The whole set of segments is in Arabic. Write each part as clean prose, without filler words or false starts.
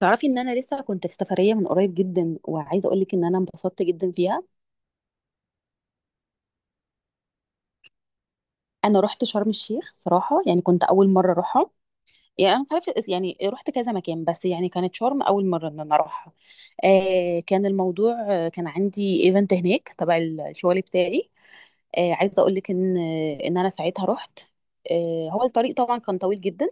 تعرفي ان انا لسه كنت في سفريه من قريب جدا، وعايزه اقول لك ان انا انبسطت جدا فيها. انا رحت شرم الشيخ صراحه، يعني كنت اول مره اروحها. يعني انا عارفه، يعني رحت كذا مكان، بس يعني كانت شرم اول مره ان انا اروحها. كان الموضوع، كان عندي ايفنت هناك تبع الشغل بتاعي. عايزه اقول لك ان ان انا ساعتها رحت. هو الطريق طبعا كان طويل جدا،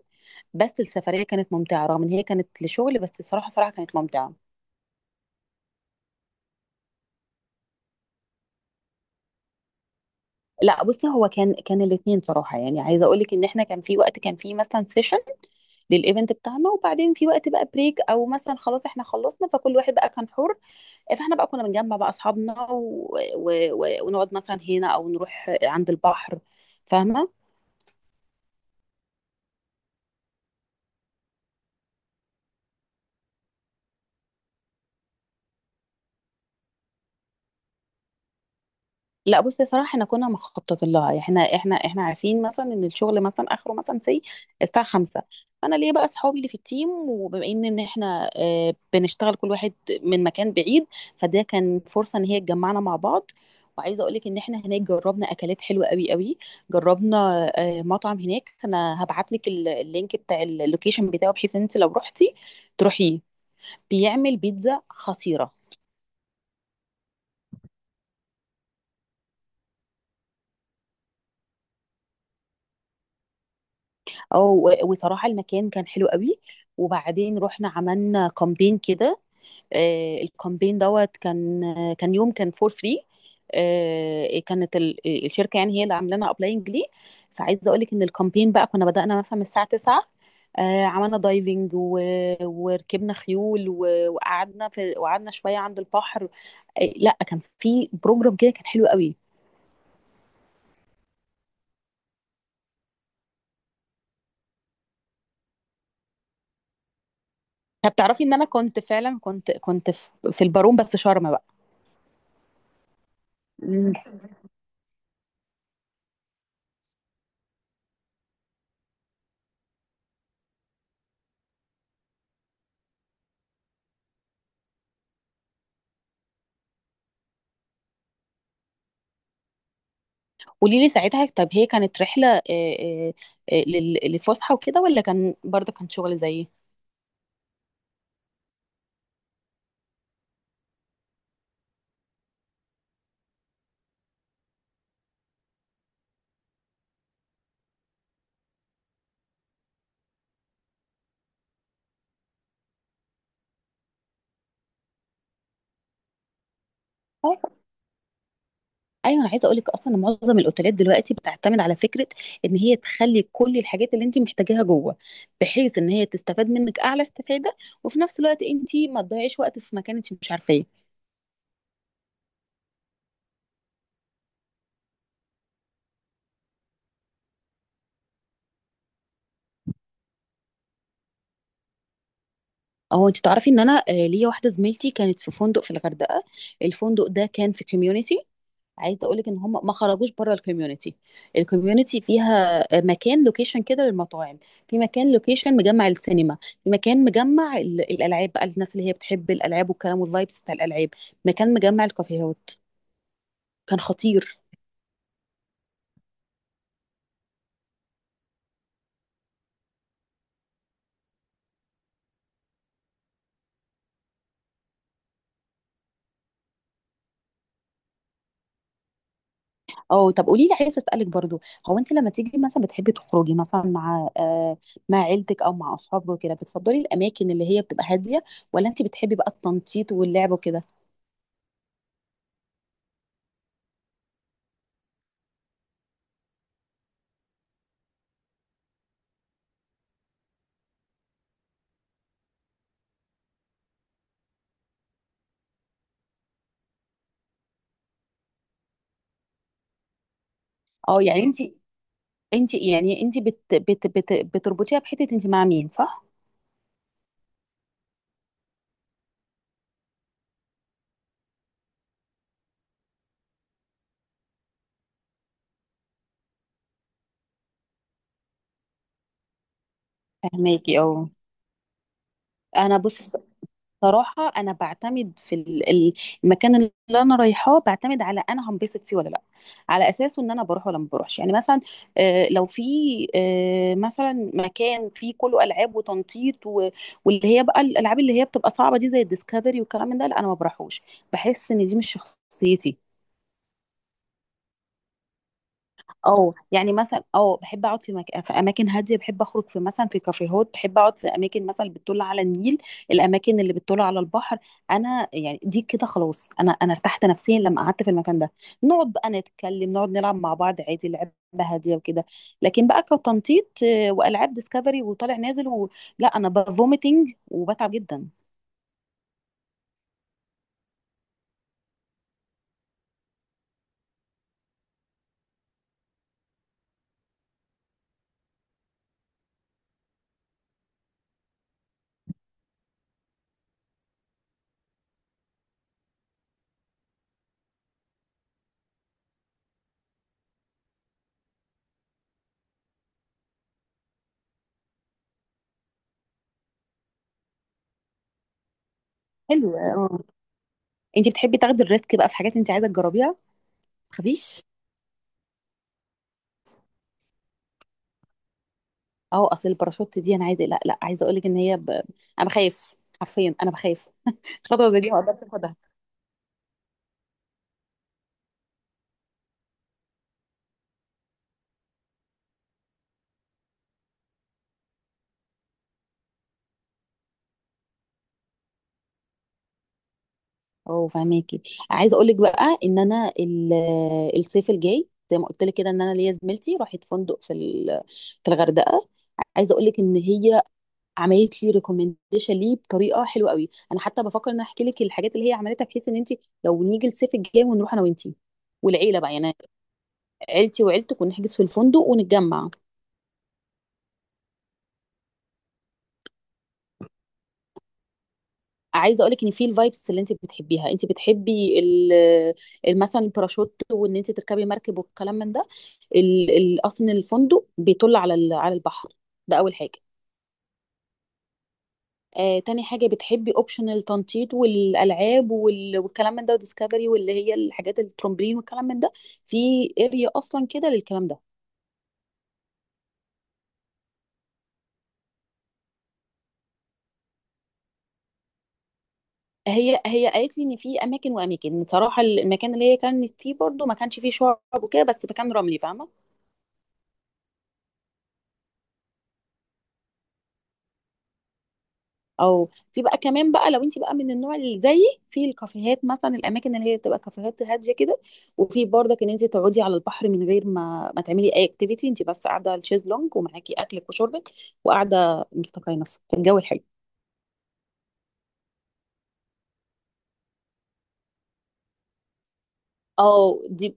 بس السفريه كانت ممتعه رغم ان هي كانت لشغل، بس الصراحه صراحه كانت ممتعه. لا، بصي، هو كان الاثنين صراحه، يعني عايزه اقول لك ان احنا كان في وقت كان في مثلا سيشن للايفنت بتاعنا، وبعدين في وقت بقى بريك، او مثلا خلاص احنا خلصنا فكل واحد بقى كان حر. فاحنا بقى كنا بنجمع بقى اصحابنا ونقعد مثلا هنا او نروح عند البحر، فاهمه؟ لا، بصي، صراحة احنا كنا مخططين لها، يعني احنا عارفين مثلا ان الشغل مثلا اخره مثلا سي الساعة 5. فانا ليا بقى اصحابي اللي في التيم، وبما ان احنا، بنشتغل كل واحد من مكان بعيد، فده كان فرصة ان هي تجمعنا مع بعض. وعايزة اقول لك ان احنا هناك جربنا اكلات حلوة قوي قوي. جربنا مطعم هناك، انا هبعت لك اللينك بتاع اللوكيشن بتاعه، بحيث ان انت لو رحتي تروحيه، بيعمل بيتزا خطيرة. اه، وصراحة المكان كان حلو قوي. وبعدين رحنا عملنا كامبين كده، الكامبين دوت كان، كان يوم كان فور فري. كانت الشركة، يعني هي اللي عاملانا لنا ابلاينج ليه. فعايزة اقول لك ان الكامبين بقى كنا بدأنا مثلا من الساعة 9، عملنا دايفنج وركبنا خيول وقعدنا في وقعدنا شوية عند البحر. لا، كان في بروجرام كده كان حلو قوي. طب تعرفي ان انا كنت فعلا كنت في البارون، بس شرم بقى. قولي لي، ساعتها طب هي كانت رحلة، آه، لفسحة وكده، ولا كان برضه كان شغل زيي؟ آه، ايوه، انا عايزه اقول لك اصلا إن معظم الاوتيلات دلوقتي بتعتمد على فكره ان هي تخلي كل الحاجات اللي انت محتاجاها جوه، بحيث ان هي تستفاد منك اعلى استفاده، وفي نفس الوقت انت ما تضيعيش وقت في مكان انت مش عارفاه. او انت تعرفي ان انا، ليا واحده زميلتي كانت في فندق في الغردقه، الفندق ده كان في كوميونيتي. عايزه اقول لك ان هم ما خرجوش بره الكوميونتي. الكوميونتي فيها مكان لوكيشن كده للمطاعم، في مكان لوكيشن مجمع السينما، في مكان مجمع الالعاب بقى، الناس اللي هي بتحب الالعاب والكلام والفايبس بتاع الالعاب، مكان مجمع الكافيهات، كان خطير. اه، طب قولي لي، عايزه اسالك برضو، هو انت لما تيجي مثلا بتحبي تخرجي مثلا مع مع عيلتك او مع اصحابك وكده، بتفضلي الاماكن اللي هي بتبقى هاديه، ولا انت بتحبي بقى التنطيط واللعب وكده؟ اه، يعني انت يعني انت بت بت بت بتربطيها بحته انت مع مين، صح؟ فهماكي اه. انا بص، صراحه انا بعتمد في المكان اللي انا رايحاه، بعتمد على انا هنبسط فيه ولا لا، على اساسه ان انا بروح ولا ما بروحش. يعني مثلا لو في مثلا مكان فيه كله العاب وتنطيط واللي هي بقى الالعاب اللي هي بتبقى صعبه دي زي الديسكفري والكلام من ده، لا انا ما بروحوش، بحس ان دي مش شخصيتي. اه يعني مثلا، اه بحب اقعد في اماكن هاديه، بحب اخرج في مثلا في كافيهات، بحب اقعد في اماكن مثلا اللي بتطل على النيل، الاماكن اللي بتطل على البحر. انا يعني دي كده خلاص، انا ارتحت نفسيا لما قعدت في المكان ده، نقعد بقى نتكلم، نقعد نلعب مع بعض عادي لعبه هاديه وكده. لكن بقى كتنطيط والعاب ديسكفري وطالع نازل لا انا بفوميتنج وبتعب جدا. حلو، اه. انت بتحبي تاخدي الريسك بقى في حاجات انت عايزه تجربيها، تخافيش. اه، اصل الباراشوت دي، انا عايزه، لا، لا، عايزه اقول لك ان انا بخاف، حرفيا انا بخاف، خطوه زي دي ما اقدرش اخدها. اه، فهماكي. عايزه اقول لك بقى ان انا الصيف الجاي، زي ما قلت لك كده، ان انا ليا زميلتي راحت فندق في في الغردقه. عايزه اقول لك ان هي عملت لي ريكومنديشن ليه بطريقه حلوه قوي، انا حتى بفكر ان أنا احكي لك الحاجات اللي هي عملتها، بحيث ان انت لو نيجي الصيف الجاي ونروح انا وانتي والعيله بقى، يعني عيلتي وعيلتك، ونحجز في الفندق ونتجمع. عايزه اقولك ان في الفايبس اللي انت بتحبيها، انت بتحبي مثلا الباراشوت وان انت تركبي مركب والكلام من ده، اصلا الفندق بيطل على على البحر، ده اول حاجه. آه، تاني حاجه بتحبي اوبشن التنطيط والالعاب والكلام من ده وديسكفري، واللي هي الحاجات الترمبلين والكلام من ده، في اريا اصلا كده للكلام ده. هي قالت لي ان في اماكن واماكن، بصراحه المكان اللي هي كانت فيه برضو ما كانش فيه شعب وكده بس كان رملي، فاهمه. او في بقى كمان بقى لو انت بقى من النوع اللي زيي، في الكافيهات مثلا، الاماكن اللي هي بتبقى كافيهات هاديه كده، وفي برضك ان انت تقعدي على البحر من غير ما تعملي اي اكتيفيتي، انت بس قاعده على الشيزلونج ومعاكي اكلك وشربك، وقاعده مستقيمه في الجو الحلو. اه، دي،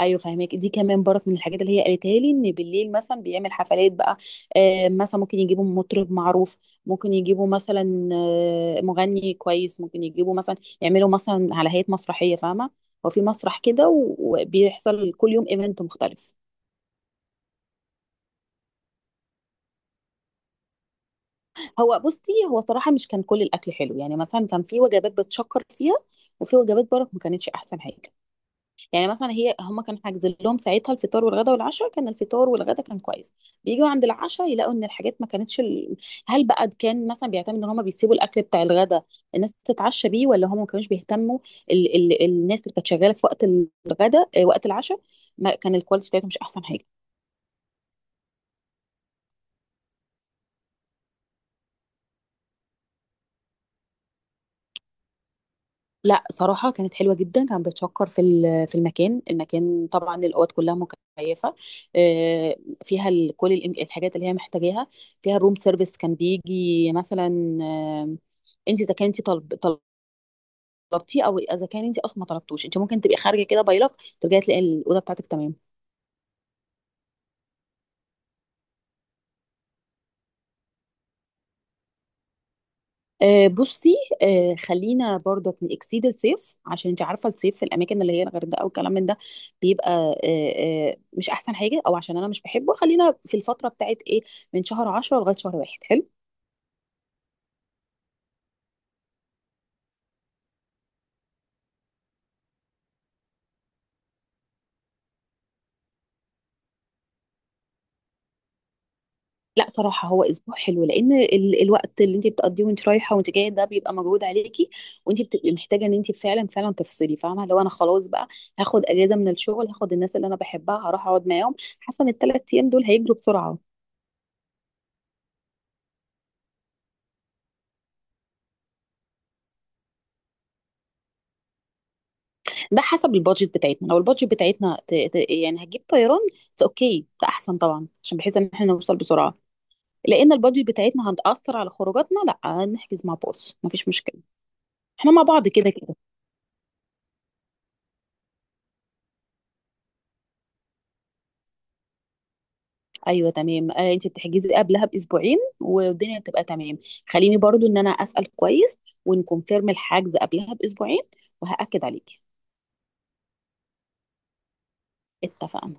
ايوه فاهمك، دي كمان برك من الحاجات اللي هي قالتها لي، ان بالليل مثلا بيعمل حفلات بقى، مثلا ممكن يجيبوا مطرب معروف، ممكن يجيبوا مثلا مغني كويس، ممكن يجيبوا مثلا يعملوا مثلا على هيئة مسرحية، فاهمة؟ هو في مسرح كده، وبيحصل كل يوم ايفنت مختلف. هو بصي، هو صراحة مش كان كل الاكل حلو، يعني مثلا كان في وجبات بتشكر فيها، وفي وجبات برك ما كانتش احسن حاجة. يعني مثلا هي، هم كانوا حاجزين لهم ساعتها الفطار والغدا والعشاء، كان الفطار والغدا كان كويس، بيجوا عند العشاء يلاقوا ان الحاجات ما كانتش هل بقى كان مثلا بيعتمد ان هم بيسيبوا الاكل بتاع الغدا الناس تتعشى بيه، ولا هم ما كانوش بيهتموا، الناس اللي كانت شغاله في وقت الغدا، وقت العشاء، ما كان الكواليتي بتاعتهم مش احسن حاجه. لا، صراحة كانت حلوة جدا، كان بتشكر في في المكان، المكان طبعا الأوض كلها مكيفة، آه، فيها كل الحاجات اللي هي محتاجاها، فيها الروم سيرفيس كان بيجي مثلا، انت اذا كنت طلب طلبتيه، او اذا كان انت اصلا ما طلبتوش، انت ممكن تبقي خارجة كده بايلك، ترجعي تلاقي الأوضة بتاعتك تمام. بصي، خلينا برضك نكسيد الصيف، عشان انت عارفه الصيف في الاماكن اللي هي الغردقه والكلام من ده بيبقى مش احسن حاجه، او عشان انا مش بحبه، خلينا في الفتره بتاعت ايه، من شهر 10 لغايه شهر 1، حلو. لا، صراحه هو اسبوع حلو، لان الوقت اللي انت بتقضيه وانت رايحه وانت جايه ده بيبقى مجهود عليكي، وانت بتبقي محتاجه ان انت فعلا تفصلي، فاهمه، لو انا خلاص بقى هاخد اجازه من الشغل، هاخد الناس اللي انا بحبها هروح اقعد معاهم، حاسه ان ال3 ايام دول هيجروا بسرعه. ده حسب البادجت بتاعتنا، لو البادجت بتاعتنا يعني هتجيب طيران، اوكي ده احسن طبعا، عشان بحيث ان احنا نوصل بسرعه، لان البادجت بتاعتنا هتاثر على خروجاتنا، لا نحجز مع باص مفيش مشكله، احنا مع بعض كده كده. ايوه تمام، آه انت بتحجزي قبلها باسبوعين والدنيا بتبقى تمام، خليني برضو ان انا اسال كويس ونكونفيرم الحجز قبلها باسبوعين وهاكد عليكي، اتفقنا.